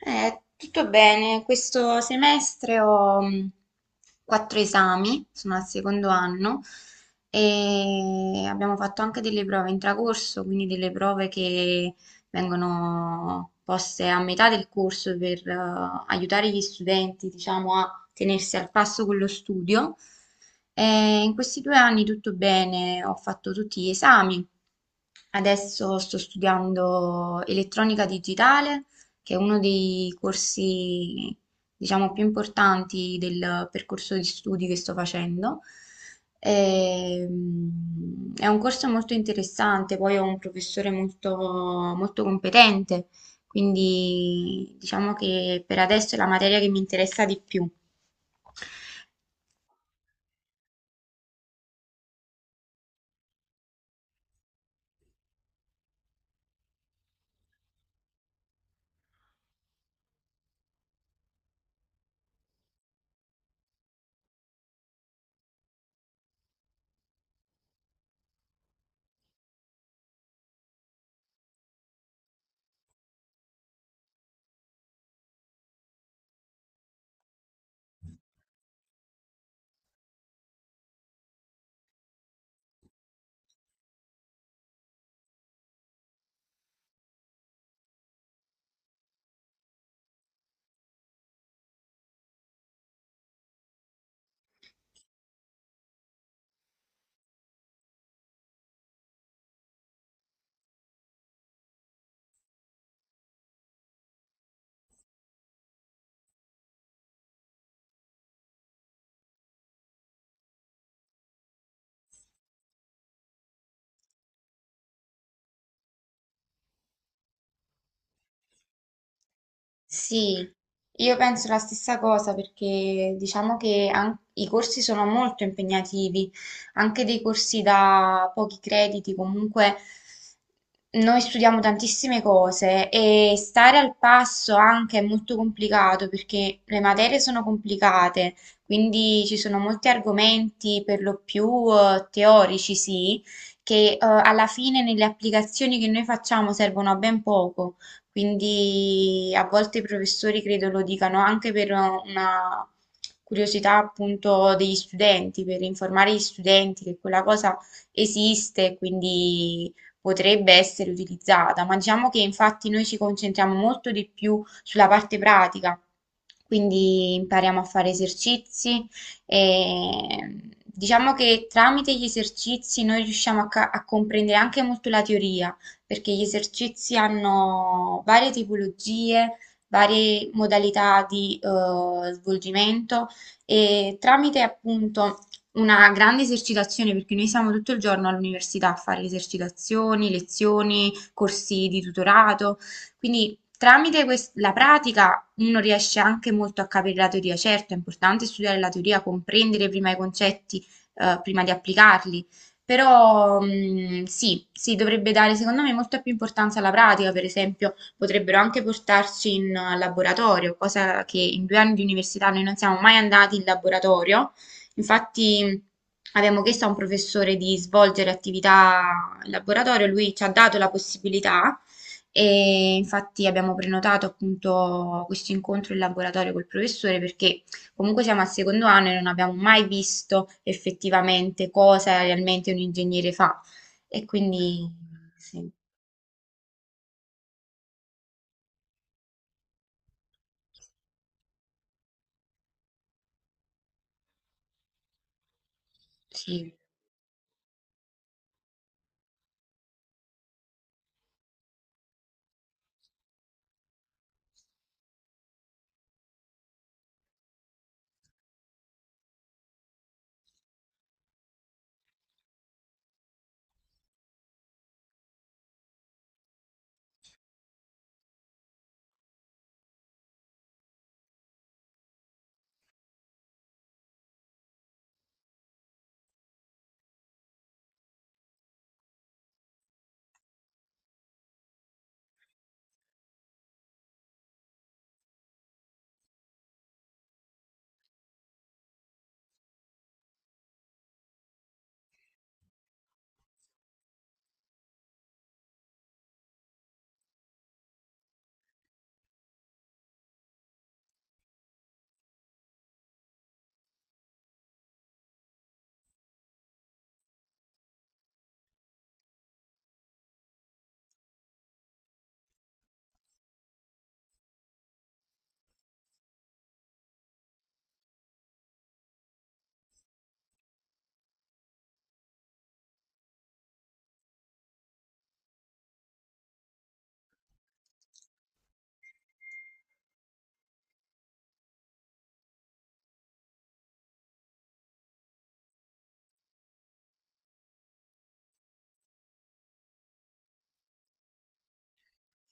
Tutto bene, questo semestre ho quattro esami, sono al secondo anno e abbiamo fatto anche delle prove intracorso, quindi delle prove che vengono poste a metà del corso per aiutare gli studenti, diciamo, a tenersi al passo con lo studio. E in questi 2 anni tutto bene, ho fatto tutti gli esami. Adesso sto studiando elettronica digitale, che è uno dei corsi, diciamo, più importanti del percorso di studi che sto facendo. È un corso molto interessante, poi ho un professore molto, molto competente, quindi diciamo che per adesso è la materia che mi interessa di più. Sì, io penso la stessa cosa, perché diciamo che i corsi sono molto impegnativi, anche dei corsi da pochi crediti. Comunque noi studiamo tantissime cose e stare al passo anche è molto complicato, perché le materie sono complicate, quindi ci sono molti argomenti per lo più teorici, sì, che alla fine nelle applicazioni che noi facciamo servono a ben poco. Quindi a volte i professori credo lo dicano anche per una curiosità, appunto, degli studenti, per informare gli studenti che quella cosa esiste e quindi potrebbe essere utilizzata, ma diciamo che infatti noi ci concentriamo molto di più sulla parte pratica, quindi impariamo a fare esercizi, e diciamo che tramite gli esercizi noi riusciamo a comprendere anche molto la teoria, perché gli esercizi hanno varie tipologie, varie modalità di svolgimento, e tramite appunto una grande esercitazione, perché noi siamo tutto il giorno all'università a fare esercitazioni, lezioni, corsi di tutorato, quindi tramite la pratica uno riesce anche molto a capire la teoria. Certo, è importante studiare la teoria, comprendere prima i concetti, prima di applicarli, però sì, sì, dovrebbe dare secondo me molta più importanza alla pratica. Per esempio, potrebbero anche portarci in laboratorio, cosa che in 2 anni di università noi non siamo mai andati in laboratorio. Infatti, abbiamo chiesto a un professore di svolgere attività in laboratorio, lui ci ha dato la possibilità e infatti abbiamo prenotato appunto questo incontro in laboratorio col professore, perché comunque siamo al secondo anno e non abbiamo mai visto effettivamente cosa realmente un ingegnere fa. E quindi sì, sì,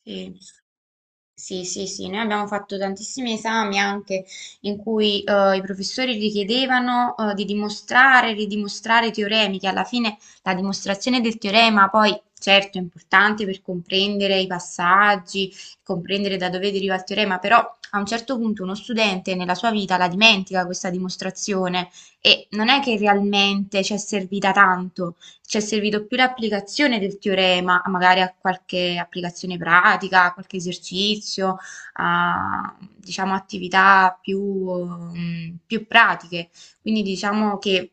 sì. Sì, sì, sì, noi abbiamo fatto tantissimi esami anche in cui i professori richiedevano di dimostrare, ridimostrare teoremi, che alla fine la dimostrazione del teorema poi certo è importante per comprendere i passaggi, comprendere da dove deriva il teorema, però a un certo punto uno studente nella sua vita la dimentica questa dimostrazione, e non è che realmente ci è servita tanto. Ci è servito più l'applicazione del teorema, magari a qualche applicazione pratica, a qualche esercizio, a diciamo attività più, più pratiche. Quindi diciamo che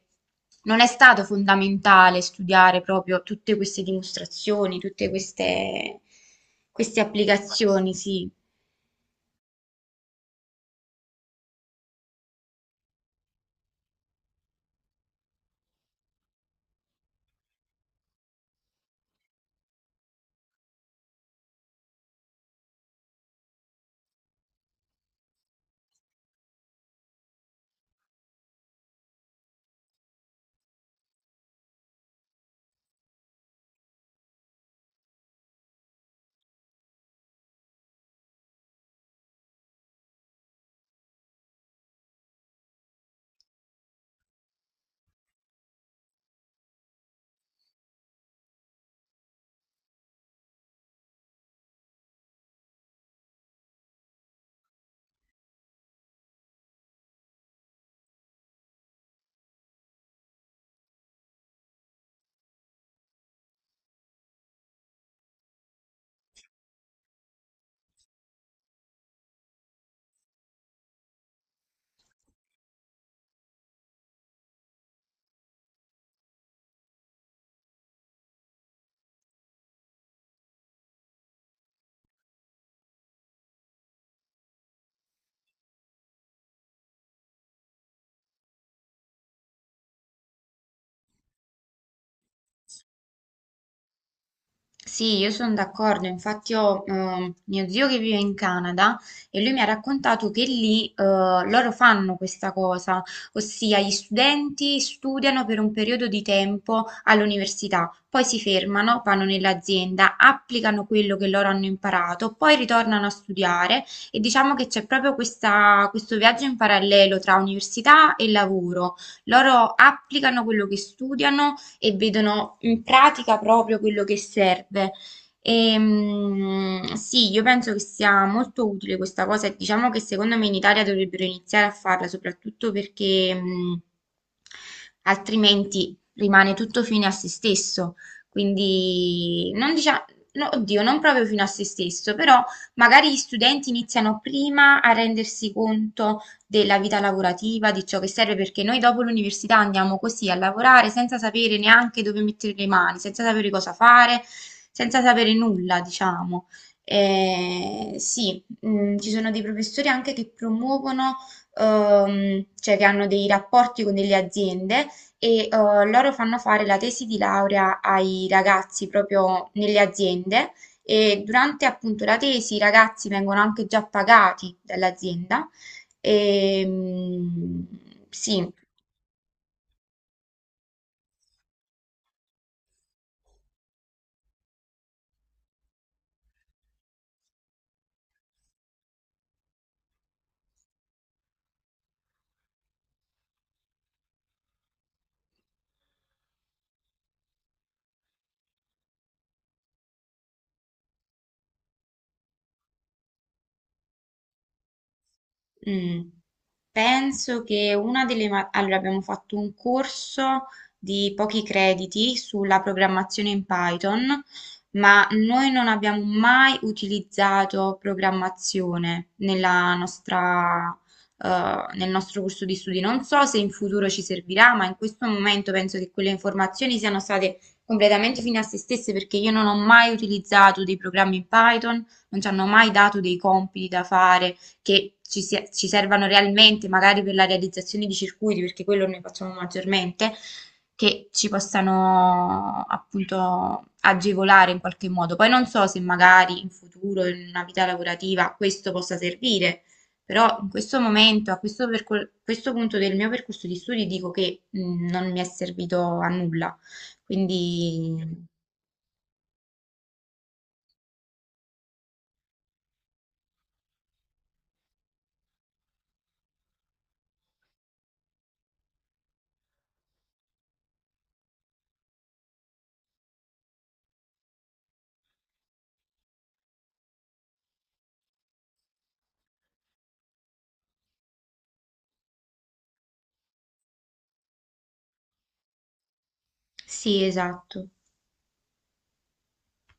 non è stato fondamentale studiare proprio tutte queste dimostrazioni, tutte queste, queste applicazioni, sì. Sì, io sono d'accordo, infatti ho mio zio che vive in Canada, e lui mi ha raccontato che lì loro fanno questa cosa, ossia gli studenti studiano per un periodo di tempo all'università, poi si fermano, vanno nell'azienda, applicano quello che loro hanno imparato, poi ritornano a studiare, e diciamo che c'è proprio questo viaggio in parallelo tra università e lavoro. Loro applicano quello che studiano e vedono in pratica proprio quello che serve. E, sì, io penso che sia molto utile questa cosa e diciamo che secondo me in Italia dovrebbero iniziare a farla, soprattutto perché altrimenti rimane tutto fine a se stesso. Quindi non diciamo, no, oddio, non proprio fino a se stesso, però magari gli studenti iniziano prima a rendersi conto della vita lavorativa, di ciò che serve, perché noi dopo l'università andiamo così a lavorare senza sapere neanche dove mettere le mani, senza sapere cosa fare, senza sapere nulla, diciamo. Sì, ci sono dei professori anche che promuovono, cioè che hanno dei rapporti con delle aziende, e loro fanno fare la tesi di laurea ai ragazzi proprio nelle aziende, e durante appunto la tesi i ragazzi vengono anche già pagati dall'azienda. Ehm, sì. Mh. Penso che una delle ma allora abbiamo fatto un corso di pochi crediti sulla programmazione in Python, ma noi non abbiamo mai utilizzato programmazione nel nostro corso di studi. Non so se in futuro ci servirà, ma in questo momento penso che quelle informazioni siano state completamente fine a se stesse, perché io non ho mai utilizzato dei programmi in Python, non ci hanno mai dato dei compiti da fare che ci servano realmente, magari per la realizzazione di circuiti, perché quello noi facciamo maggiormente, che ci possano appunto agevolare in qualche modo. Poi non so se magari in futuro, in una vita lavorativa, questo possa servire. Però in questo momento, questo punto del mio percorso di studi, dico che non mi è servito a nulla. Quindi sì, esatto.